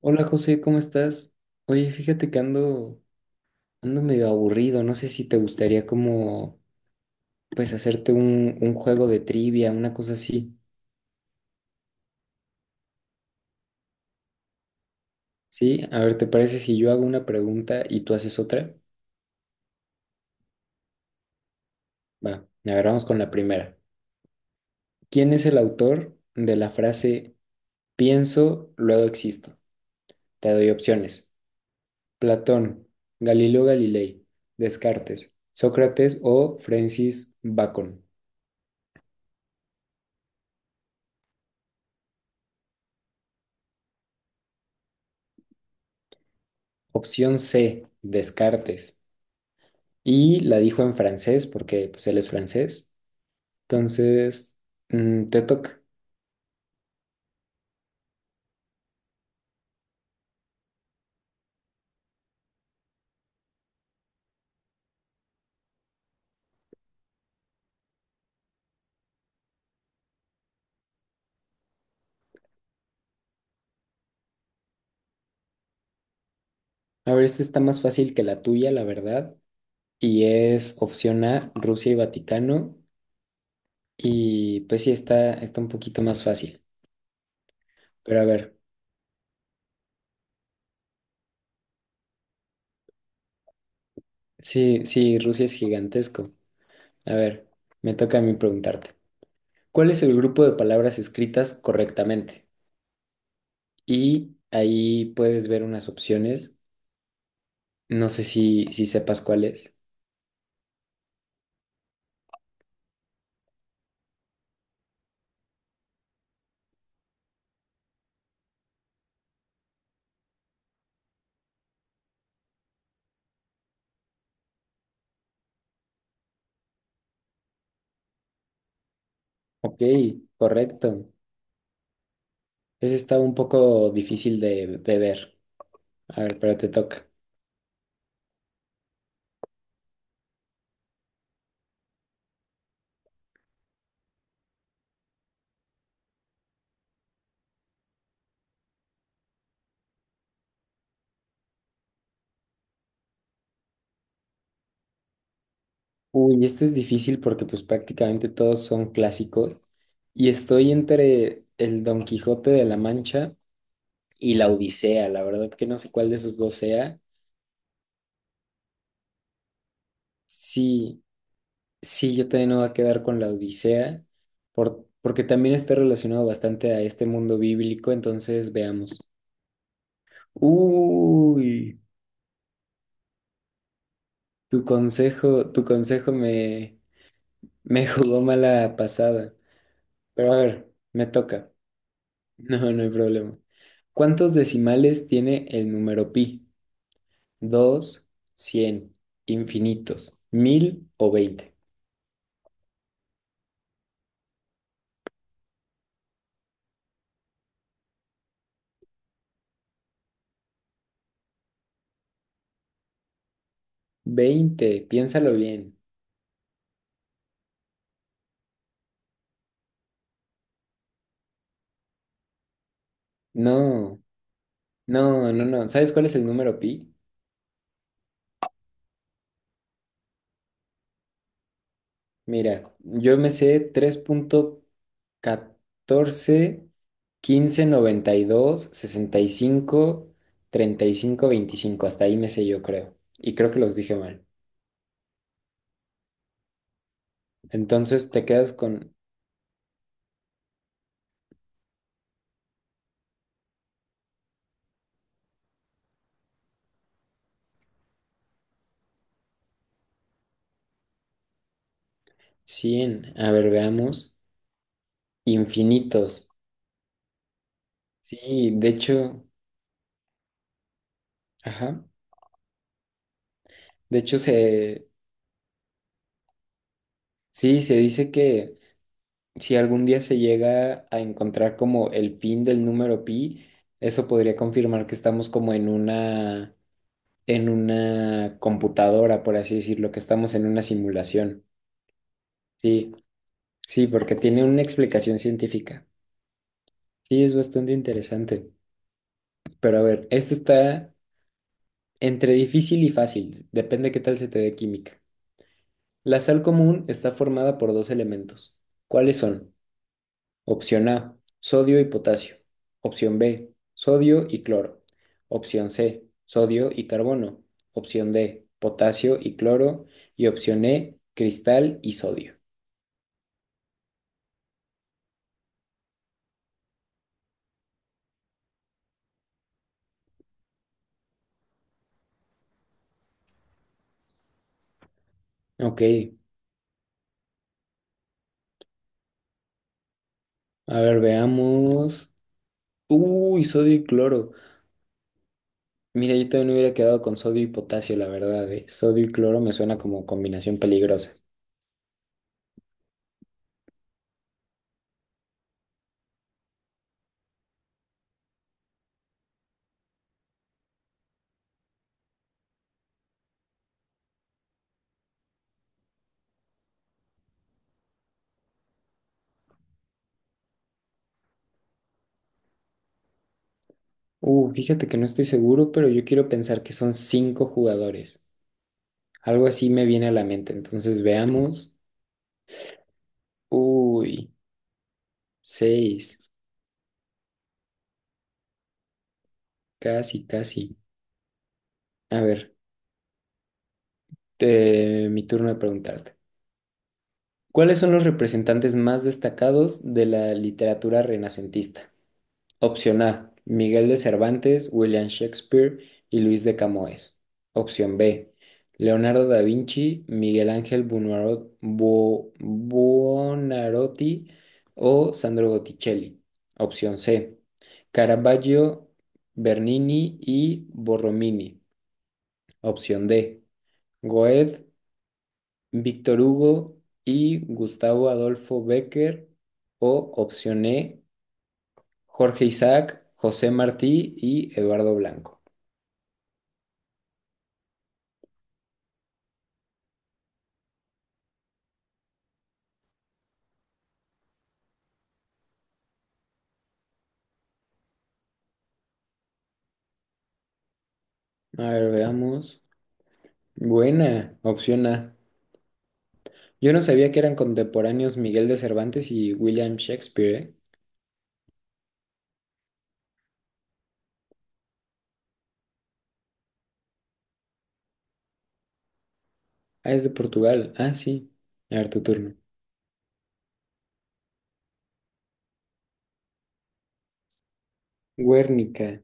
Hola José, ¿cómo estás? Oye, fíjate que ando medio aburrido, no sé si te gustaría como, pues, hacerte un juego de trivia, una cosa así, ¿sí? A ver, ¿te parece si yo hago una pregunta y tú haces otra? Va, a ver, vamos con la primera. ¿Quién es el autor de la frase pienso, luego existo? Te doy opciones. Platón, Galileo Galilei, Descartes, Sócrates o Francis Bacon. Opción C, Descartes. Y la dijo en francés porque pues él es francés. Entonces, te toca. A ver, esta está más fácil que la tuya, la verdad. Y es opción A, Rusia y Vaticano. Y pues sí, está un poquito más fácil. Pero a ver, sí, sí, Rusia es gigantesco. A ver, me toca a mí preguntarte. ¿Cuál es el grupo de palabras escritas correctamente? Y ahí puedes ver unas opciones. No sé si sepas cuál es. Ok, correcto. Ese está un poco difícil de ver. A ver, pero te toca. Uy, esto es difícil porque pues prácticamente todos son clásicos y estoy entre el Don Quijote de la Mancha y la Odisea. La verdad que no sé cuál de esos dos sea. Sí, sí, yo también me voy a quedar con la Odisea porque también está relacionado bastante a este mundo bíblico, entonces veamos. Uy, tu consejo, tu consejo me, me jugó mala pasada. Pero a ver, me toca. No, no hay problema. ¿Cuántos decimales tiene el número pi? ¿Dos, 100, infinitos, 1000 o 20? Veinte, piénsalo bien. No, no, no, no. ¿Sabes cuál es el número pi? Mira, yo me sé tres punto catorce quince noventa y dos sesenta y cinco treinta y cinco veinticinco. Hasta ahí me sé yo, creo. Y creo que los dije mal. Entonces te quedas con 100, a ver, veamos. Infinitos. Sí, de hecho, ajá. De hecho, sí, se dice que si algún día se llega a encontrar como el fin del número pi, eso podría confirmar que estamos como en una computadora, por así decirlo, que estamos en una simulación. Sí, sí, porque tiene una explicación científica. Sí, es bastante interesante. Pero a ver, esto está entre difícil y fácil. Depende qué tal se te dé química. La sal común está formada por 2 elementos. ¿Cuáles son? Opción A, sodio y potasio. Opción B, sodio y cloro. Opción C, sodio y carbono. Opción D, potasio y cloro. Y opción E, cristal y sodio. Ok, a ver, veamos. Uy, sodio y cloro. Mira, yo también hubiera quedado con sodio y potasio, la verdad, eh. Sodio y cloro me suena como combinación peligrosa. Fíjate que no estoy seguro, pero yo quiero pensar que son 5 jugadores. Algo así me viene a la mente. Entonces veamos. Uy, seis. Casi, casi. A ver, mi turno de preguntarte. ¿Cuáles son los representantes más destacados de la literatura renacentista? Opción A, Miguel de Cervantes, William Shakespeare y Luis de Camoes. Opción B, Leonardo da Vinci, Miguel Ángel Buonarroti o Sandro Botticelli. Opción C, Caravaggio, Bernini y Borromini. Opción D, Goethe, Víctor Hugo y Gustavo Adolfo Becker. O opción E, Jorge Isaac, José Martí y Eduardo Blanco. A ver, veamos. Buena, opción A. Yo no sabía que eran contemporáneos Miguel de Cervantes y William Shakespeare, ¿eh? Ah, es de Portugal. Ah, sí. A ver, tu turno. Guernica.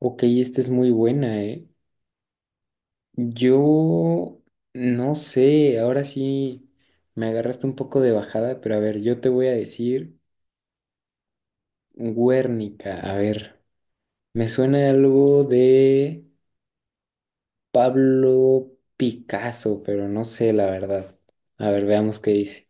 Ok, esta es muy buena, ¿eh? Yo no sé, ahora sí me agarraste un poco de bajada, pero a ver, yo te voy a decir Guernica. A ver, me suena algo de... Pablo Picasso, pero no sé la verdad. A ver, veamos qué dice.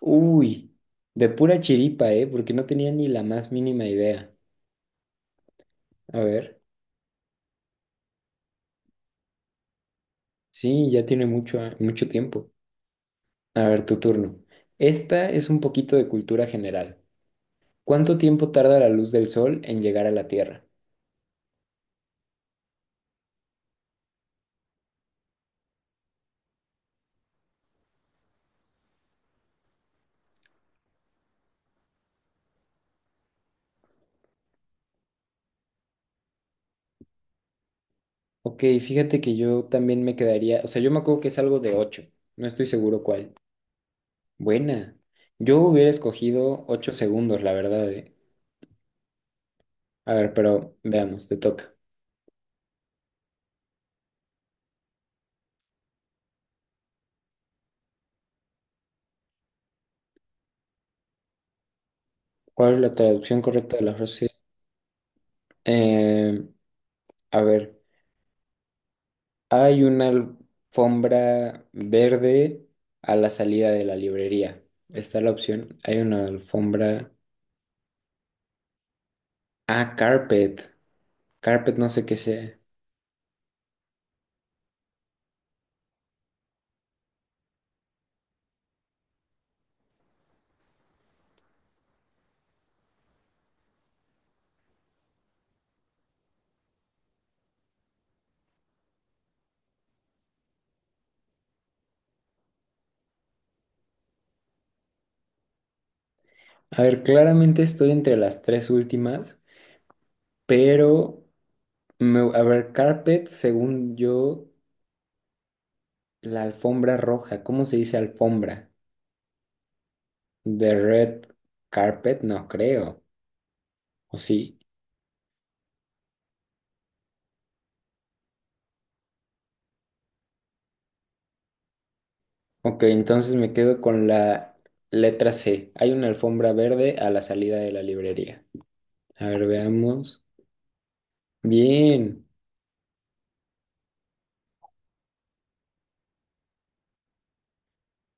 Uy, de pura chiripa, ¿eh? Porque no tenía ni la más mínima idea. A ver, sí, ya tiene mucho, mucho tiempo. A ver, tu turno. Esta es un poquito de cultura general. ¿Cuánto tiempo tarda la luz del sol en llegar a la Tierra? Ok, fíjate que yo también me quedaría, o sea, yo me acuerdo que es algo de 8. No estoy seguro cuál. Buena. Yo hubiera escogido 8 segundos, la verdad, ¿eh? A ver, pero veamos, te toca. ¿Cuál es la traducción correcta de la frase? Eh, a ver, hay una alfombra verde a la salida de la librería. Está la opción. Hay una alfombra. Ah, carpet. Carpet no sé qué sea. A ver, claramente estoy entre las tres últimas, pero a ver, carpet, según yo, la alfombra roja. ¿Cómo se dice alfombra? The red carpet, no creo. ¿O sí? Ok, entonces me quedo con la letra C. Hay una alfombra verde a la salida de la librería. A ver, veamos. Bien,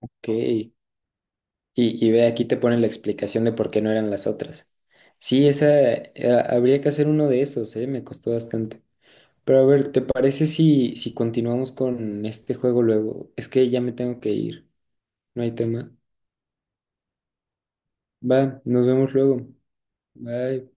ok. Y ve, aquí te ponen la explicación de por qué no eran las otras. Sí, esa, habría que hacer uno de esos, ¿eh? Me costó bastante. Pero a ver, ¿te parece si continuamos con este juego luego? Es que ya me tengo que ir, no hay tema. Va, nos vemos luego. Bye.